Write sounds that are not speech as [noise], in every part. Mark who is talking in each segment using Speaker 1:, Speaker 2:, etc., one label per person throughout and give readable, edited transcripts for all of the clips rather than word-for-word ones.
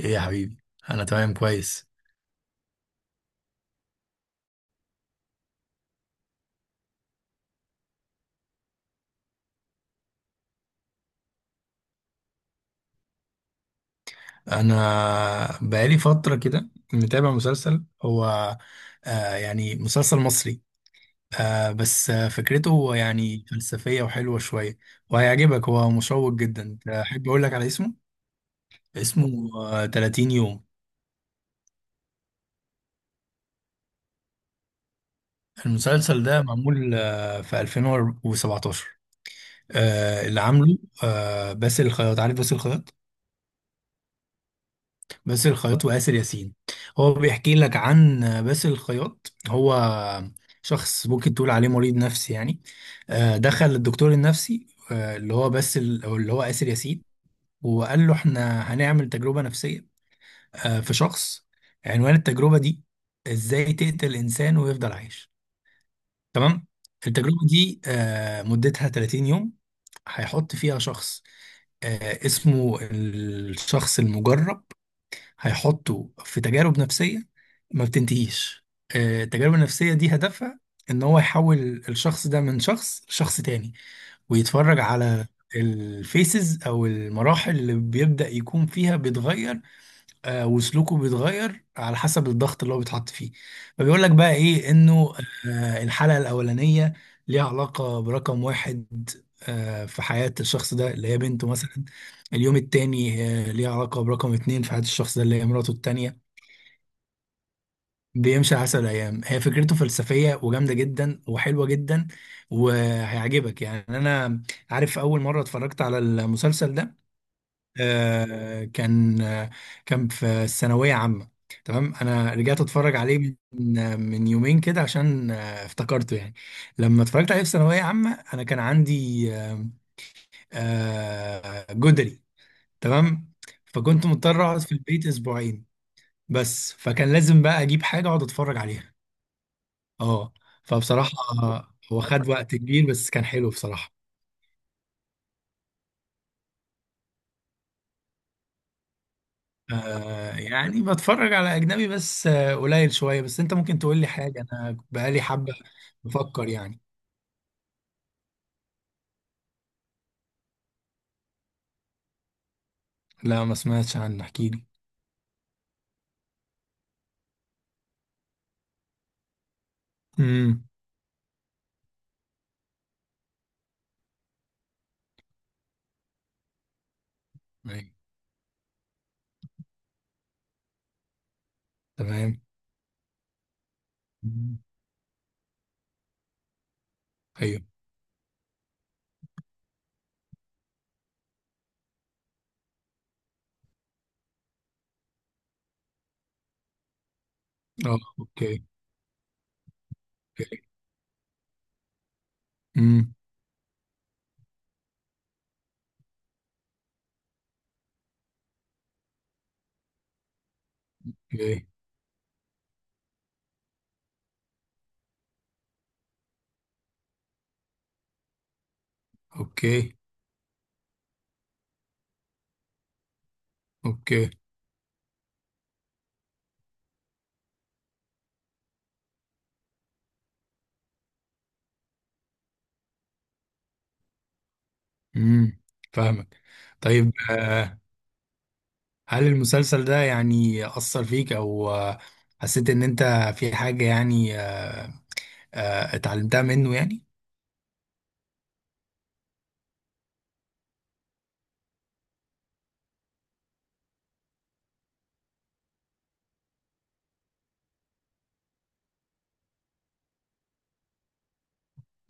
Speaker 1: ايه يا حبيبي؟ انا تمام كويس. انا بقالي فتره كده متابع مسلسل هو يعني مسلسل مصري. بس فكرته يعني فلسفيه وحلوه شويه وهيعجبك، هو مشوق جدا، احب اقول لك على اسمه 30 يوم. المسلسل ده معمول في 2017، اللي عامله باسل الخياط، عارف باسل الخياط؟ باسل الخياط وآسر ياسين، هو بيحكي لك عن باسل الخياط، هو شخص ممكن تقول عليه مريض نفسي يعني. دخل الدكتور النفسي، اللي هو باسل أو اللي هو آسر ياسين، وقال له احنا هنعمل تجربة نفسية. في شخص، عنوان التجربة دي ازاي تقتل إنسان ويفضل عايش. تمام. التجربة دي مدتها 30 يوم، هيحط فيها شخص اسمه الشخص المجرب، هيحطوا في تجارب نفسية ما بتنتهيش. التجارب النفسية دي هدفها ان هو يحول الشخص ده من شخص لشخص تاني، ويتفرج على الفيسز او المراحل اللي بيبدأ يكون فيها بيتغير. وسلوكه بيتغير على حسب الضغط اللي هو بيتحط فيه، فبيقول لك بقى ايه انه الحلقة الأولانية ليها علاقة برقم واحد في حياة الشخص ده، اللي هي بنته مثلا. اليوم التاني ليها علاقة برقم اتنين في حياة الشخص ده، اللي هي مراته التانية. بيمشي على حسب الأيام، هي فكرته فلسفية وجامدة جدا وحلوة جدا وهيعجبك يعني. أنا عارف، أول مرة اتفرجت على المسلسل ده آه، كان آه، كان في الثانوية عامة. تمام، انا رجعت اتفرج عليه من يومين كده، عشان افتكرته يعني. لما اتفرجت عليه في ثانوية عامة انا كان عندي جدري. تمام، فكنت مضطر اقعد في البيت اسبوعين، بس فكان لازم بقى اجيب حاجة اقعد اتفرج عليها. اه. فبصراحة هو خد وقت كبير بس كان حلو بصراحة. يعني بتفرج على أجنبي بس قليل شوية، بس أنت ممكن تقول لي حاجة، أنا بقالي حبة بفكر يعني. لا ما سمعتش عنه، احكي لي. امم. أيوة. تمام. مم. أيوه. أه، أوكي. أوكي. امم. أوكي. أوكي. أوكي. امم. فاهمك. طيب هل المسلسل ده يعني أثر فيك، أو حسيت إن أنت في حاجة يعني اتعلمتها منه يعني؟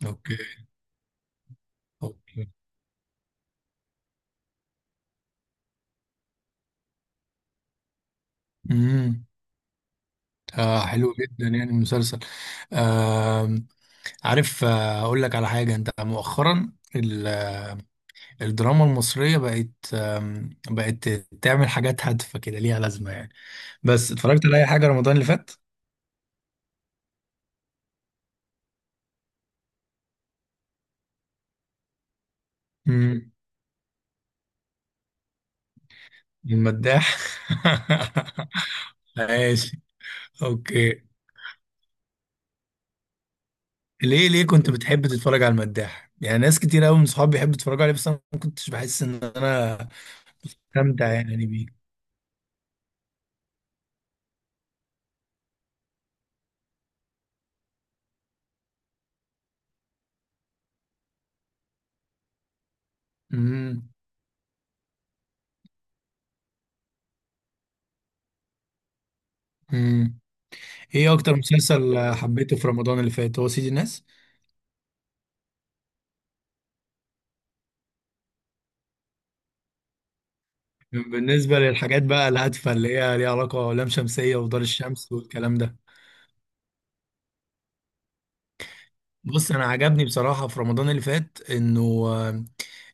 Speaker 1: أوكي. أوكي. امم. حلو جدا يعني المسلسل. آه عارف، اقول لك على حاجه، انت مؤخرا الدراما المصريه بقت تعمل حاجات هادفه كده ليها لازمه يعني. بس اتفرجت على اي حاجه رمضان اللي فات؟ مم، المداح. [laughs] ماشي. اوكي. ليه كنت بتحب تتفرج على المداح؟ يعني ناس كتير قوي من صحابي بيحبوا يتفرجوا عليه، بس انا ما كنتش بحس ان انا استمتع يعني بيه. امم. ايه اكتر مسلسل حبيته في رمضان اللي فات؟ هو سيد الناس؟ بالنسبه للحاجات بقى الهادفه اللي هي ليها علاقه لام شمسيه ودار الشمس والكلام ده. بص، انا عجبني بصراحه في رمضان اللي فات انه آه،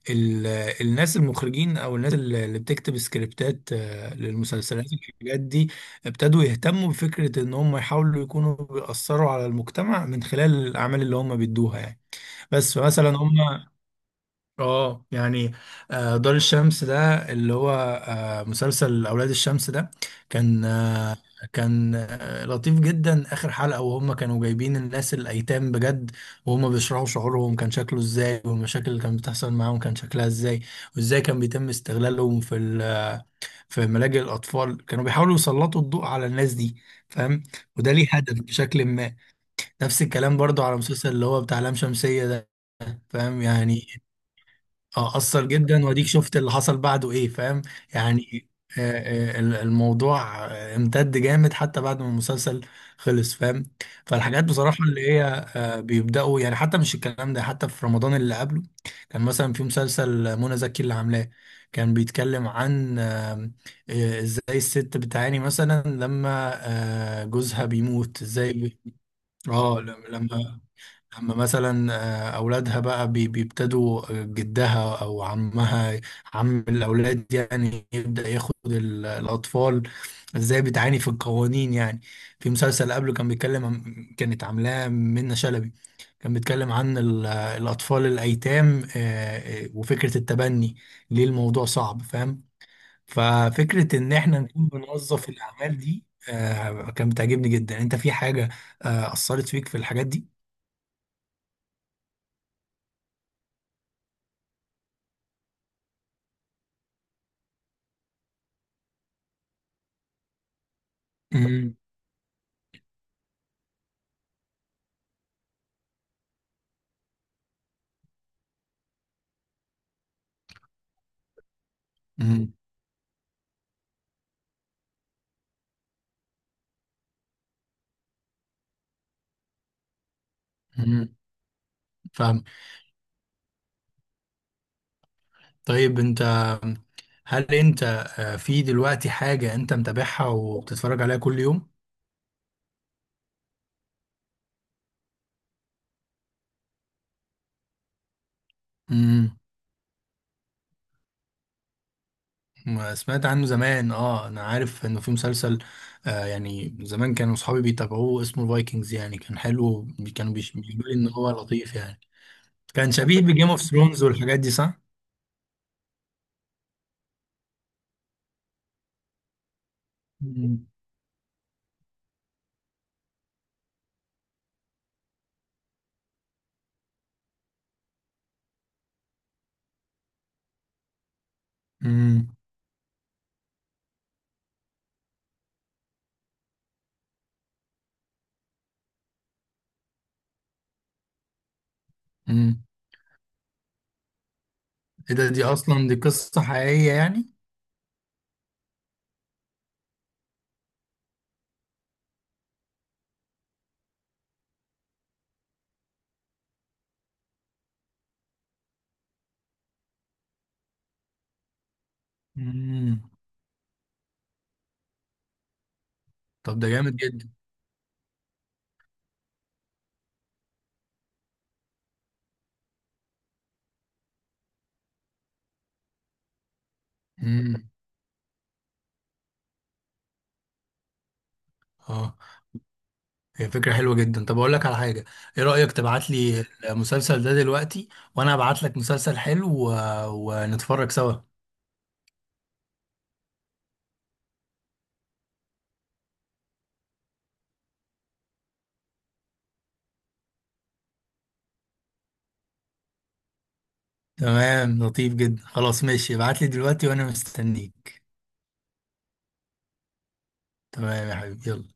Speaker 1: ال- الناس المخرجين او الناس اللي بتكتب سكريبتات للمسلسلات والحاجات دي، ابتدوا يهتموا بفكرة ان هم يحاولوا يكونوا بيأثروا على المجتمع من خلال الاعمال اللي هم بيدوها يعني. بس فمثلا هم اه يعني دار الشمس ده اللي هو مسلسل اولاد الشمس ده كان لطيف جدا. اخر حلقة وهم كانوا جايبين الناس الايتام بجد، وهم بيشرحوا شعورهم كان شكله ازاي، والمشاكل اللي كانت بتحصل معاهم كان شكلها ازاي، وازاي كان بيتم استغلالهم في ملاجئ الاطفال، كانوا بيحاولوا يسلطوا الضوء على الناس دي، فاهم؟ وده ليه هدف بشكل ما. نفس الكلام برضو على مسلسل اللي هو بتاع لام شمسية ده، فاهم يعني؟ اه، اثر جدا، واديك شفت اللي حصل بعده ايه، فاهم؟ يعني آه، الموضوع امتد جامد حتى بعد ما المسلسل خلص، فاهم؟ فالحاجات بصراحة اللي هي بيبدأوا يعني، حتى مش الكلام ده، حتى في رمضان اللي قبله كان مثلا في مسلسل منى زكي اللي عاملاه، كان بيتكلم عن ازاي الست بتعاني مثلا لما جوزها بيموت ازاي. اه. لما اما مثلا اولادها بقى بيبتدوا جدها او عمها، عم الاولاد يعني، يبدا ياخد الاطفال، ازاي بتعاني في القوانين يعني. في مسلسل قبله كان بيتكلم عن، كانت عاملاه منة شلبي، كان بيتكلم عن الاطفال الايتام وفكره التبني، ليه الموضوع صعب، فاهم؟ ففكره ان احنا نكون بنوظف الاعمال دي كانت بتعجبني جدا. انت في حاجه اثرت فيك في الحاجات دي؟ امم. مم. فاهم. طيب انت، هل انت في دلوقتي حاجة انت متابعها وبتتفرج عليها كل يوم؟ امم. ما سمعت عنه زمان، اه انا عارف انه في مسلسل يعني زمان، كانوا اصحابي بيتابعوه، اسمه الفايكنجز، يعني كان حلو. كانوا بيقولوا لي ان هو لطيف يعني. كان شبيه بجيم اوف ثرونز والحاجات دي، صح؟ امم. امم. امم. ايه ده؟ دي اصلا دي قصة حقيقية يعني؟ امم. طب ده جامد جدا. امم. اه، هي فكرة حلوة جدا. طب أقول لك على حاجة، إيه رأيك تبعت لي المسلسل ده دلوقتي، وأنا أبعت لك مسلسل حلو ونتفرج سوا. تمام، لطيف جدا، خلاص ماشي، ابعت لي دلوقتي وأنا مستنيك. تمام يا حبيبي، يلا.